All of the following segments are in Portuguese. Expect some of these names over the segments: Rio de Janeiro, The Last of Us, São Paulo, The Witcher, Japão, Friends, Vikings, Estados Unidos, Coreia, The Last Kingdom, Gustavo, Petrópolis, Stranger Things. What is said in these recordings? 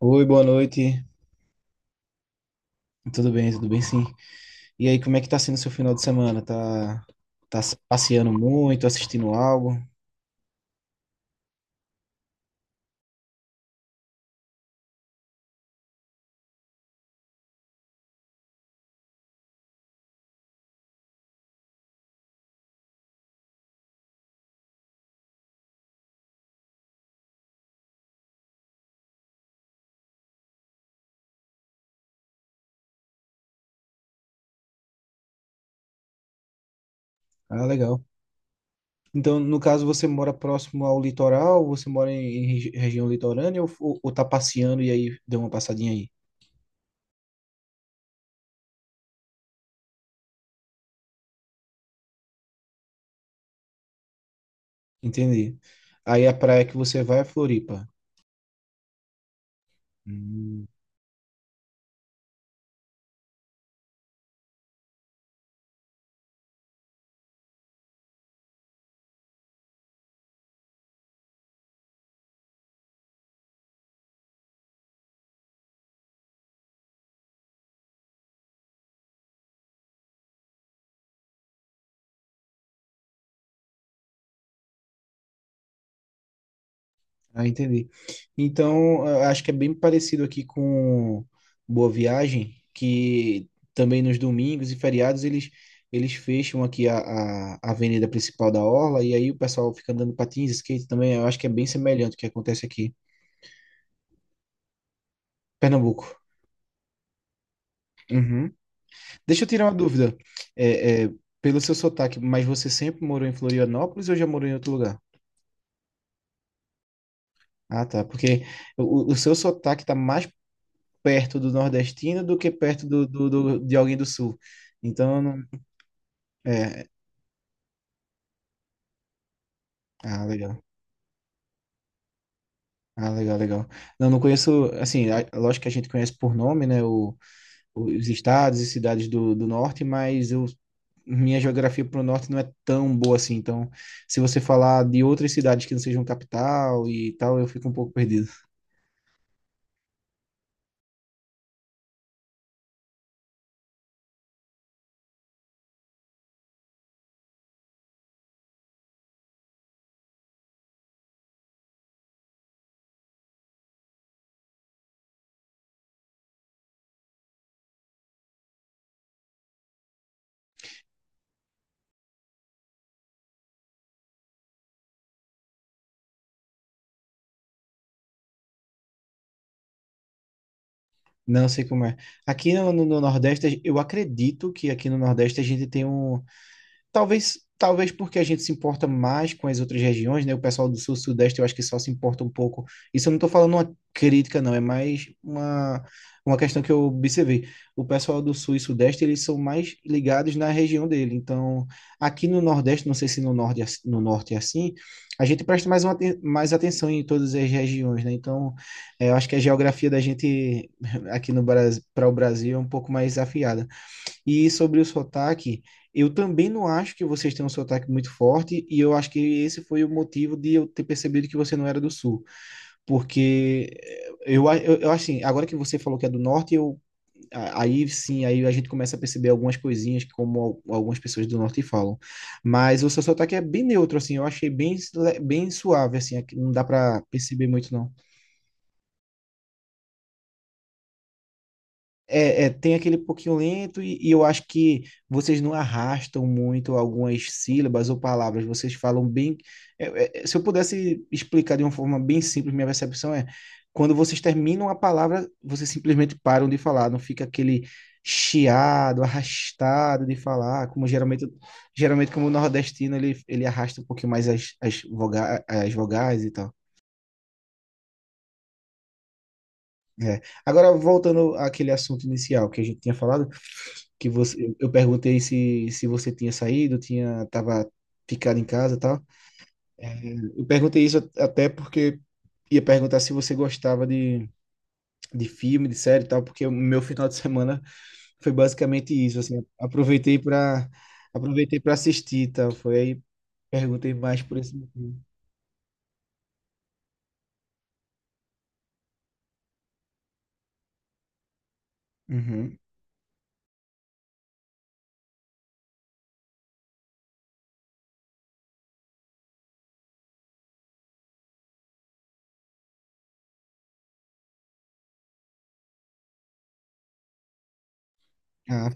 Oi, boa noite. Tudo bem sim. E aí, como é que tá sendo o seu final de semana? Passeando muito, assistindo algo? Ah, legal. Então, no caso, você mora próximo ao litoral? Você mora em região litorânea ou tá passeando e aí deu uma passadinha aí? Entendi. Aí a praia que você vai é Floripa. Hum. Ah, entendi. Então, eu acho que é bem parecido aqui com Boa Viagem, que também nos domingos e feriados eles fecham aqui a avenida principal da Orla, e aí o pessoal fica andando patins, skate também. Eu acho que é bem semelhante o que acontece aqui, Pernambuco. Uhum. Deixa eu tirar uma dúvida. É, é, pelo seu sotaque, mas você sempre morou em Florianópolis ou já morou em outro lugar? Ah, tá. Porque o seu sotaque tá mais perto do nordestino do que perto do de alguém do sul. Então, eu não- é, ah, legal. Ah, legal, legal. Não, não conheço, assim, lógico que a gente conhece por nome, né, os estados e cidades do norte, mas eu, minha geografia para o norte não é tão boa assim. Então, se você falar de outras cidades que não sejam capital e tal, eu fico um pouco perdido. Não sei como é. Aqui no Nordeste, eu acredito que aqui no Nordeste a gente tem um. Talvez porque a gente se importa mais com as outras regiões, né? O pessoal do sul sudeste eu acho que só se importa um pouco. Isso eu não estou falando uma crítica, não, é mais uma questão que eu observei. O pessoal do sul e sudeste, eles são mais ligados na região dele. Então, aqui no nordeste, não sei se no norte, no norte é assim, a gente presta mais, mais atenção em todas as regiões, né? Então, eu acho que a geografia da gente aqui no Brasil, para o Brasil é um pouco mais afiada. E sobre o sotaque, eu também não acho que vocês têm um sotaque muito forte, e eu acho que esse foi o motivo de eu ter percebido que você não era do sul. Porque eu acho assim, agora que você falou que é do norte, aí sim, aí a gente começa a perceber algumas coisinhas que como algumas pessoas do norte falam. Mas o seu sotaque é bem neutro, assim, eu achei bem, bem suave, assim, aqui não dá para perceber muito, não. Tem aquele pouquinho lento e eu acho que vocês não arrastam muito algumas sílabas ou palavras, vocês falam bem. Se eu pudesse explicar de uma forma bem simples, minha percepção é quando vocês terminam a palavra, vocês simplesmente param de falar, não fica aquele chiado, arrastado de falar, geralmente como o nordestino ele arrasta um pouquinho mais as vogais e tal. É. Agora, voltando àquele assunto inicial que a gente tinha falado, eu perguntei se você tinha saído, tinha, tava ficado em casa e tal. É, eu perguntei isso até porque ia perguntar se você gostava de filme, de série e tal, porque o meu final de semana foi basicamente isso, assim, aproveitei para assistir e tal, foi aí perguntei mais por esse motivo. Uhum. Ah,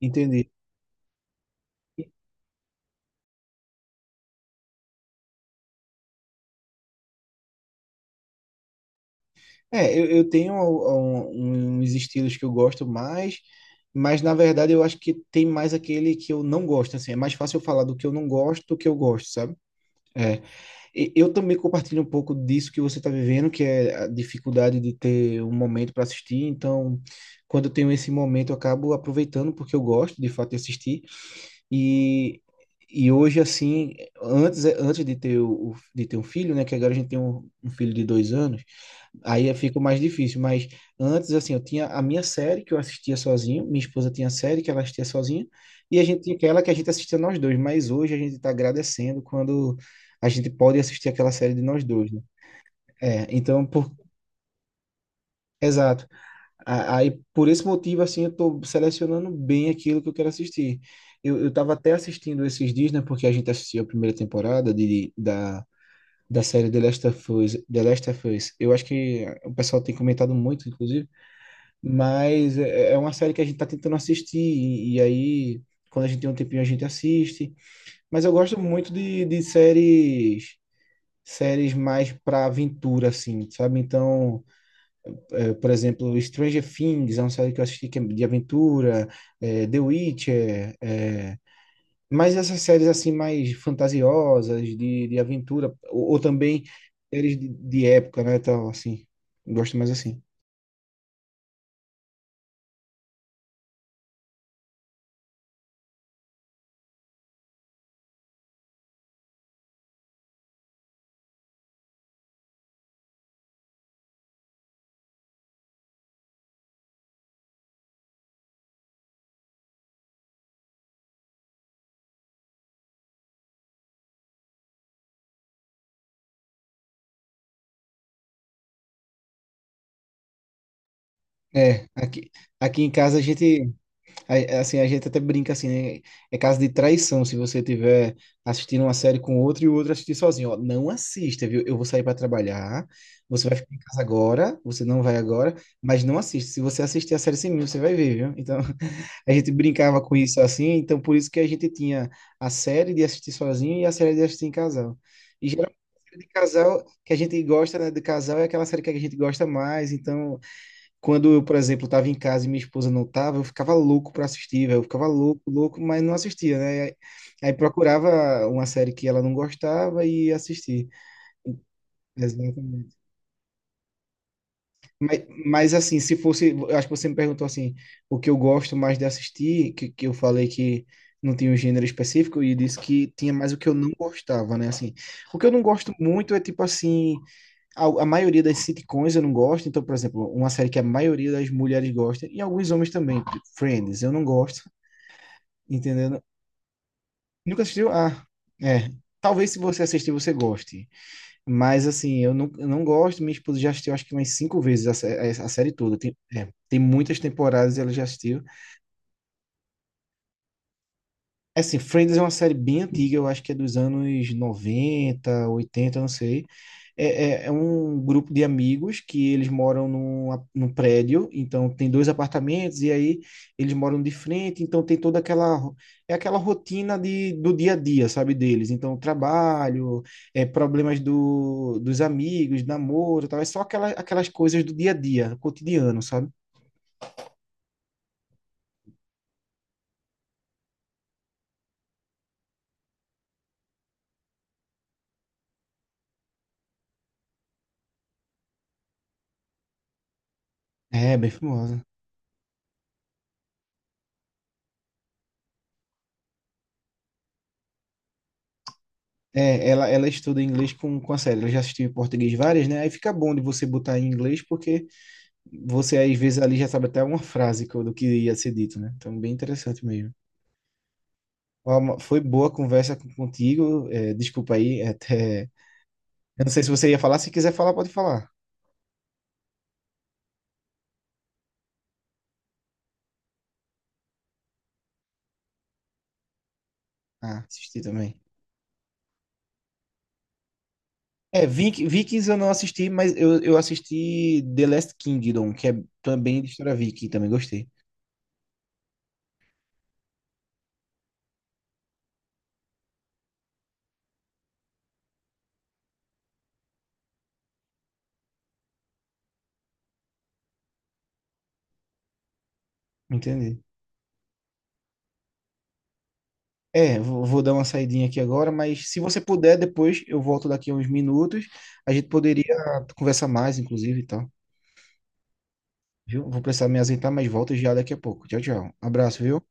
entendi. Eu tenho uns estilos que eu gosto mais, mas na verdade eu acho que tem mais aquele que eu não gosto, assim, é mais fácil eu falar do que eu não gosto do que eu gosto, sabe? É, e eu também compartilho um pouco disso que você está vivendo, que é a dificuldade de ter um momento para assistir, então quando eu tenho esse momento eu acabo aproveitando porque eu gosto de fato de assistir, e, e hoje assim, antes de ter, de ter um filho, né, que agora a gente tem um filho de 2 anos. Aí fica mais difícil, mas antes, assim, eu tinha a minha série que eu assistia sozinho, minha esposa tinha a série que ela assistia sozinha, e a gente tinha aquela que a gente assistia nós dois, mas hoje a gente está agradecendo quando a gente pode assistir aquela série de nós dois, né? É, então, por, exato. Aí, por esse motivo, assim, eu tô selecionando bem aquilo que eu quero assistir. Eu tava até assistindo esses dias, né, porque a gente assistiu a primeira temporada da série The Last of Us, The Last of Us. Eu acho que o pessoal tem comentado muito, inclusive, mas é é uma série que a gente tá tentando assistir, e aí, quando a gente tem um tempinho, a gente assiste. Mas eu gosto muito de séries, séries mais pra aventura, assim, sabe? Então, por exemplo, Stranger Things é uma série que eu assisti que é de aventura, The Witcher, mas essas séries, assim, mais fantasiosas, de aventura, ou também séries de época, né? Então, assim, gosto mais assim. É, aqui, aqui em casa a gente. Assim, a gente até brinca assim, né? É caso de traição se você tiver assistindo uma série com outro e o outro assistir sozinho. Ó, não assista, viu? Eu vou sair para trabalhar, você vai ficar em casa agora, você não vai agora, mas não assiste. Se você assistir a série sem mim, você vai ver, viu? Então, a gente brincava com isso assim, então por isso que a gente tinha a série de assistir sozinho e a série de assistir em casal. E geralmente a série de casal que a gente gosta, né, de casal é aquela série que a gente gosta mais, então por exemplo, estava em casa e minha esposa não estava, eu ficava louco para assistir, velho. Eu ficava louco, louco, mas não assistia, né? Aí procurava uma série que ela não gostava e assistia. Exatamente. Mas assim, se fosse, eu acho que você me perguntou assim, o que eu gosto mais de assistir, que eu falei que não tinha um gênero específico e disse que tinha mais o que eu não gostava, né? Assim, o que eu não gosto muito é tipo assim, a maioria das sitcoms eu não gosto. Então, por exemplo, uma série que a maioria das mulheres gosta, e alguns homens também, tipo Friends, eu não gosto, entendendo? Nunca assistiu? Ah, é. Talvez se você assistir, você goste. Mas, assim, eu não gosto. Minha esposa já assistiu, acho que umas 5 vezes a série toda. Tem, tem muitas temporadas e ela já assistiu. É assim, Friends é uma série bem antiga, eu acho que é dos anos 90, 80, não sei. É um grupo de amigos que eles moram num, num prédio, então tem dois apartamentos, e aí eles moram de frente, então tem toda aquela, é aquela rotina de, do dia a dia, sabe, deles. Então, trabalho, problemas dos amigos, namoro, e tal, é só aquela, aquelas coisas do dia a dia, cotidiano, sabe? É, bem famosa. Ela estuda inglês com a série. Ela já assistiu em português várias, né? Aí fica bom de você botar em inglês, porque você às vezes ali já sabe até uma frase do que ia ser dito, né? Então, bem interessante mesmo. Ó, foi boa a conversa contigo. É, desculpa aí, é até. Eu não sei se você ia falar. Se quiser falar, pode falar. Ah, assisti também. É, Vikings eu não assisti, mas eu assisti The Last Kingdom, que é também de história viking, também gostei. Entendi. É, vou dar uma saidinha aqui agora, mas se você puder, depois eu volto daqui a uns minutos. A gente poderia conversar mais, inclusive, e tal. Viu? Vou precisar me ausentar, mas volto já daqui a pouco. Tchau, tchau. Abraço, viu?